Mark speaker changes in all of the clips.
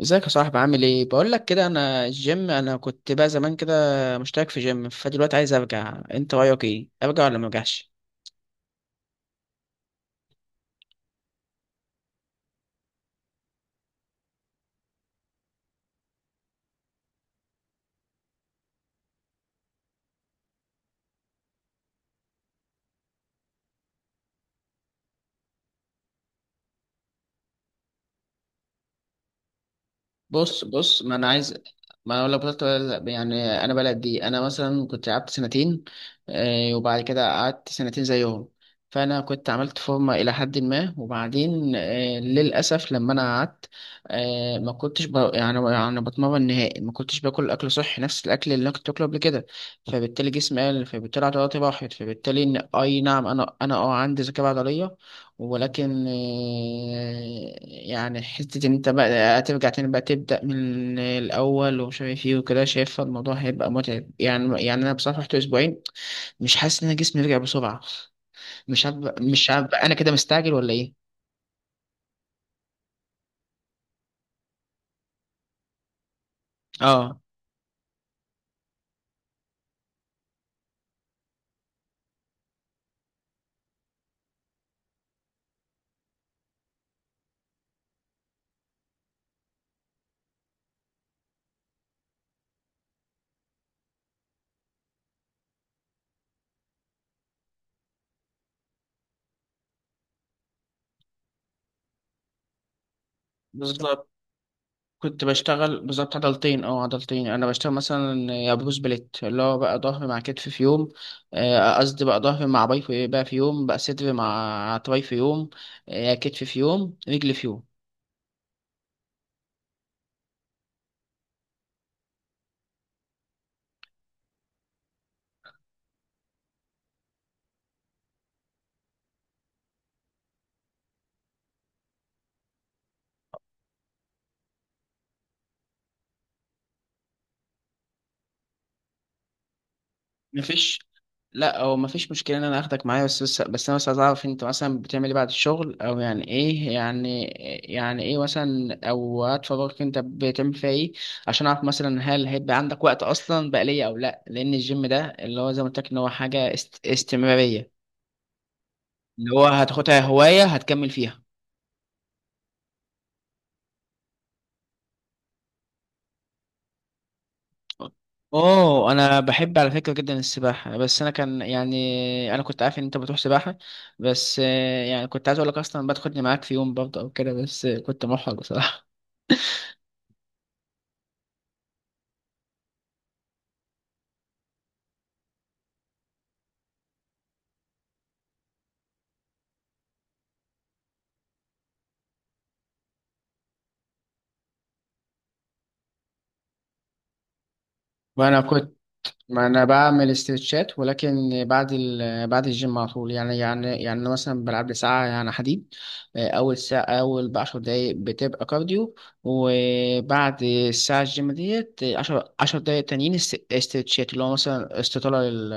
Speaker 1: ازيك يا صاحبي؟ عامل ايه؟ بقول لك كده، انا كنت بقى زمان كده مشترك في جيم، فدلوقتي عايز ارجع. انت رايك ايه؟ ارجع ولا ما ارجعش؟ بص بص، ما انا لو بطلت. يعني انا بلد دي انا مثلا كنت لعبت سنتين، وبعد كده قعدت سنتين زيهم. فانا كنت عملت فورمه الى حد ما، وبعدين للاسف لما انا قعدت، ما كنتش ب... يعني يعني بتمرن نهائي، ما كنتش باكل اكل صحي، نفس الاكل اللي انا كنت باكله قبل كده. فبالتالي جسمي قل، فبالتالي عضلاتي راحت، فبالتالي اي نعم، انا عندي ذكاء عضليه. ولكن يعني حتة إن أنت بقى هترجع تاني، بقى تبدأ من الأول ومش عارف إيه وكده. شايف الموضوع هيبقى متعب، يعني أنا بصراحة رحت أسبوعين، مش حاسس إن أنا جسمي رجع بسرعة. مش عارف، أنا كده مستعجل ولا إيه؟ آه، بالظبط. كنت بشتغل بالظبط عضلتين انا بشتغل، مثلا يا بروس بليت، اللي هو بقى ظهر مع كتف في يوم. قصدي، بقى ظهر مع باي في بقى في يوم، بقى صدر مع تراي في يوم، كتف في يوم، رجل في يوم. مفيش. لا، هو مفيش مشكلة ان انا اخدك معايا، بس انا بس عايز اعرف، انت مثلا بتعمل ايه بعد الشغل، او يعني ايه، يعني يعني ايه مثلا، او وقت فراغك انت بتعمل فيها ايه؟ عشان اعرف مثلا هل هيبقى عندك وقت اصلا بقى ليا او لا، لان الجيم ده اللي هو زي ما قلت لك ان هو حاجة استمرارية، اللي هو هتاخدها هواية هتكمل فيها. اوه، انا بحب على فكره جدا السباحه، بس انا كان يعني انا كنت عارف ان انت بتروح سباحه، بس يعني كنت عايز اقول لك اصلا بدخلني معاك في يوم برضه او كده، بس كنت محرج بصراحه. وانا كنت ما انا بعمل استرتشات، ولكن بعد الجيم على طول، يعني أنا مثلا بلعب لي ساعه، يعني حديد. اول ساعه، ب10 دقايق بتبقى كارديو، وبعد الساعه الجيم ديت عشر دقايق تانيين استرتشات، اللي هو مثلا استطاله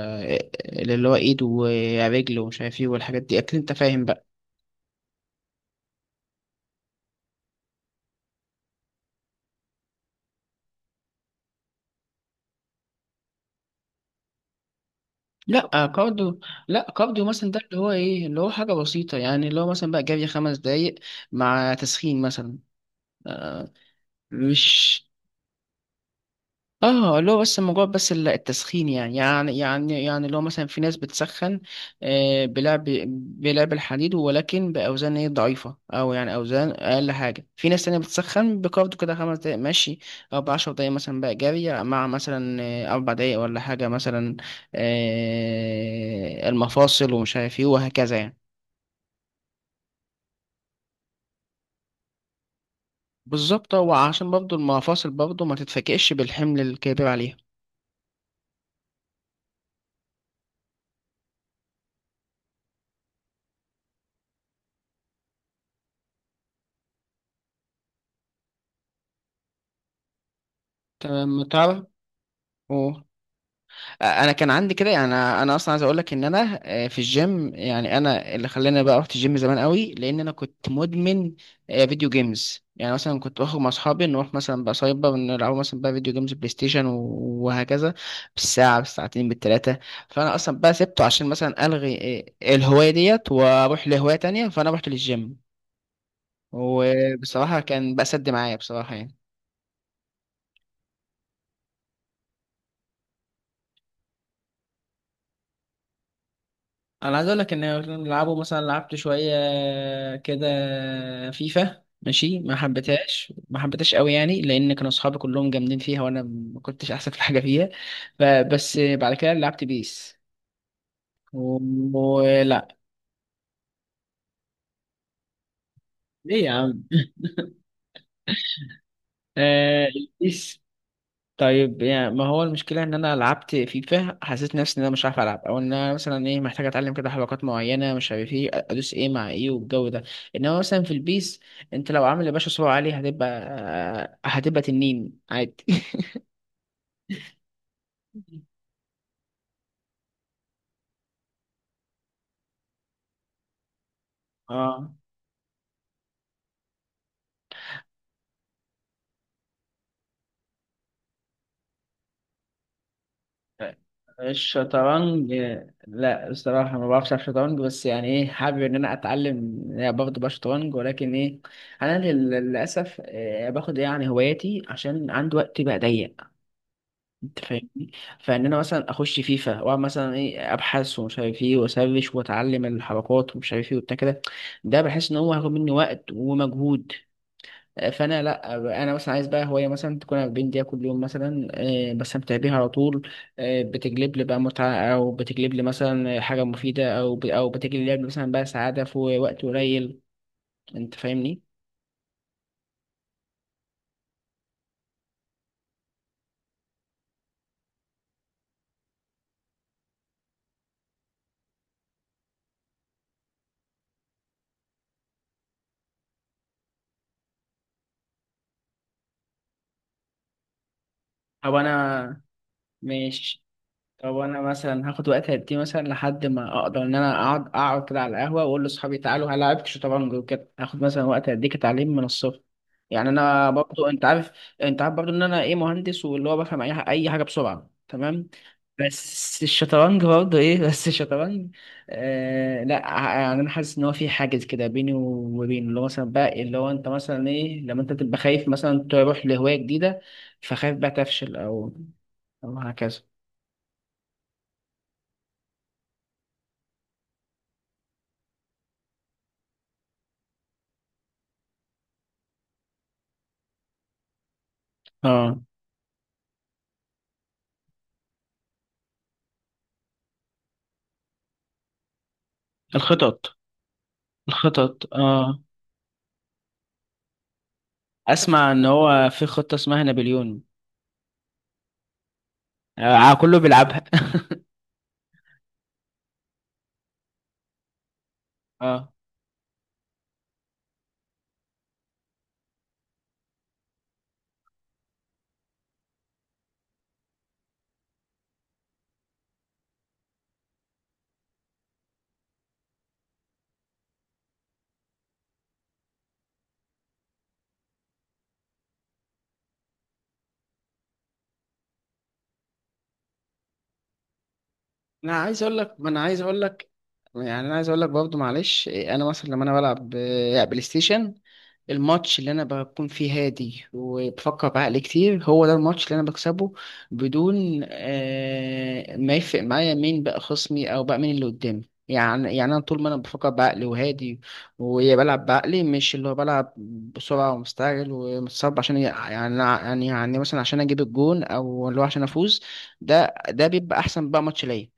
Speaker 1: اللي هو ايد ورجل ومش عارف ايه والحاجات دي، اكيد انت فاهم بقى. لا كارديو. لا، كارديو مثلا، ده اللي هو ايه، اللي هو حاجه بسيطه، يعني اللي هو مثلا بقى جري 5 دقايق مع تسخين مثلا. آه، مش اه اللي هو بس الموضوع، بس التسخين، يعني اللي هو مثلا، في ناس بتسخن، آه، بلعب بلعب الحديد ولكن باوزان ايه ضعيفه، او يعني اوزان اقل حاجه. في ناس تانية بتسخن بكارديو كده خمس دقايق مشي، او بعشر دقايق مثلا بقى جري مع مثلا 4 دقايق ولا حاجه، مثلا المفاصل ومش عارف ايه وهكذا، يعني. بالظبط، وعشان برضه المفاصل برضه ما تتفكئش بالحمل الكبير عليها. تمام، تعرف انا كان عندي كده، يعني انا اصلا عايز اقول لك ان انا في الجيم، يعني انا اللي خلاني بقى رحت الجيم زمان قوي، لان انا كنت مدمن فيديو جيمز. يعني مثلا كنت بخرج مع اصحابي، نروح مثلا بقى سايبر نلعب مثلا بقى فيديو جيمز، بلاي ستيشن وهكذا، بالساعه، بالساعتين، بالثلاثه. فانا اصلا بقى سبته عشان مثلا الغي الهوايه ديت واروح لهوايه تانية، فانا رحت للجيم، وبصراحه كان بقى سد معايا بصراحه، يعني. انا عايز اقول لك ان كنا بنلعبه، مثلا لعبت شويه كده فيفا ماشي، ما حبيتهاش، ما حبيتهاش قوي، يعني لان كانوا اصحابي كلهم جامدين فيها، وانا ما كنتش احسن في حاجه فيها. ف- بس بعد كده لعبت بيس و... لا، ليه يا عم؟ آه... طيب، يعني ما هو المشكلة إن أنا لعبت فيفا، حسيت نفسي إن أنا مش عارف ألعب، أو إن أنا مثلا إيه، محتاج أتعلم كده حركات معينة، مش عارف إيه أدوس إيه مع إيه والجو ده. إنما مثلا في البيس، أنت لو عامل يا باشا سرعة عالية، هتبقى تنين عادي. اه، الشطرنج. لا، الصراحة ما بعرفش ألعب شطرنج، بس يعني ايه، حابب ان انا اتعلم برضه بقى شطرنج، ولكن ايه، انا للاسف باخد يعني هواياتي عشان عندي وقت بقى ضيق، انت فاهمني. فان انا مثلا اخش فيفا واقعد مثلا ايه، ابحث ومش عارف ايه واسرش واتعلم الحركات ومش عارف ايه وبتاع كده، ده بحس ان هو هياخد مني وقت ومجهود، فانا لا. انا مثلا عايز بقى هوايه مثلا تكون 40 دقيقه كل يوم مثلا، بستمتع بيها على طول، بتجلب لي بقى متعه، او بتجلب لي مثلا حاجه مفيده، او بتجلب لي مثلا بقى سعاده في وقت قليل، انت فاهمني. او انا ماشي. طب انا مثلا هاخد وقت قد ايه، مثلا لحد ما اقدر ان انا اقعد كده على القهوه واقول لاصحابي تعالوا هلعبك شطرنج وكده؟ هاخد مثلا وقت قد ايه كتعليم من الصفر؟ يعني انا برضو انت عارف، برضو ان انا ايه مهندس، واللي هو بفهم اي حاجه بسرعه، تمام. بس الشطرنج برضو ايه، بس الشطرنج، لا، يعني انا حاسس ان هو في حاجز كده بيني وبين اللي هو مثلا بقى، اللي هو انت مثلا ايه، لما انت تبقى خايف مثلا تروح لهوايه جديده، فخايف بقى تفشل او هكذا. اه، الخطط. الخطط، اه، اسمع ان هو في خطة اسمها نابليون. آه، كله بيلعبها. اه، انا عايز اقول لك ما انا عايز اقول لك برضه، معلش إيه، انا مثلا لما انا بلعب بلاي ستيشن، الماتش اللي انا بكون فيه هادي وبفكر بعقل كتير، هو ده الماتش اللي انا بكسبه بدون، ما يفرق معايا مين بقى خصمي او بقى مين اللي قدامي. يعني انا طول ما انا بفكر بعقلي وهادي، وبلعب بعقلي، مش اللي هو بلعب بسرعه ومستعجل ومتصاب، عشان يعني مثلا عشان اجيب الجون او اللي هو عشان افوز، ده بيبقى احسن بقى ماتش ليا.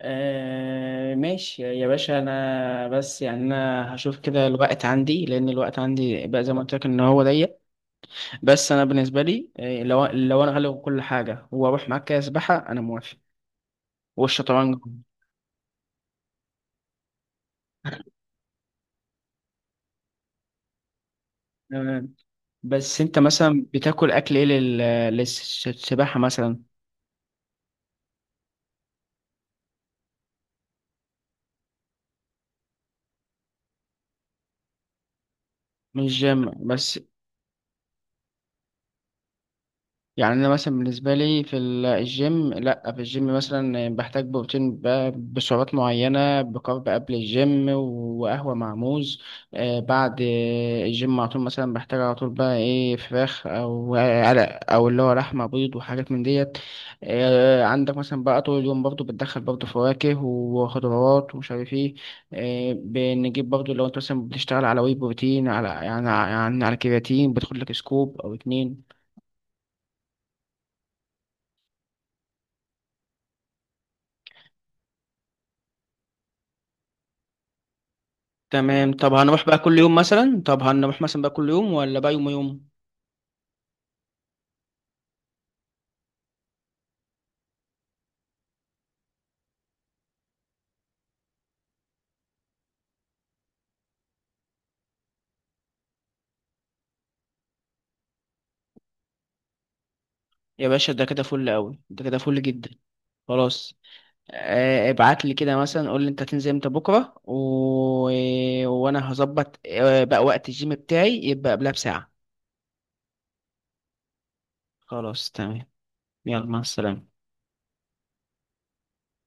Speaker 1: آه، ماشي يا باشا. انا بس يعني انا هشوف كده الوقت عندي، لان الوقت عندي بقى زي ما قلت لك ان هو ضيق، بس انا بالنسبه لي، لو انا هلغي كل حاجه واروح معاك كده سباحه، انا موافق. والشطرنج تمام. بس انت مثلا بتاكل اكل ايه للسباحه مثلا؟ مش جيم بس. يعني انا مثلا بالنسبه لي في الجيم، لا، في الجيم مثلا بحتاج بروتين بسعرات معينه، بكارب قبل الجيم وقهوه مع موز، بعد الجيم على طول مثلا بحتاج على طول، بقى ايه فراخ او علق او اللي هو لحمه، بيض وحاجات من ديت. عندك مثلا بقى طول اليوم برضو بتدخل برضو فواكه وخضروات ومش عارف ايه، بنجيب برضو لو انت مثلا بتشتغل على وي بروتين، على يعني على كرياتين، بتاخد لك سكوب او اتنين. تمام. طب هنروح بقى كل يوم مثلا؟ طب هنروح مثلا بقى كل يوم ولا بقى يوم يوم؟ يا باشا، ده كده فل قوي، ده كده فل جدا. خلاص. ابعت لي كده مثلا، قول لي انت هتنزل امتى بكره، وانا هظبط بقى وقت الجيم بتاعي يبقى قبلها بساعه. خلاص تمام. يلا مع السلامه.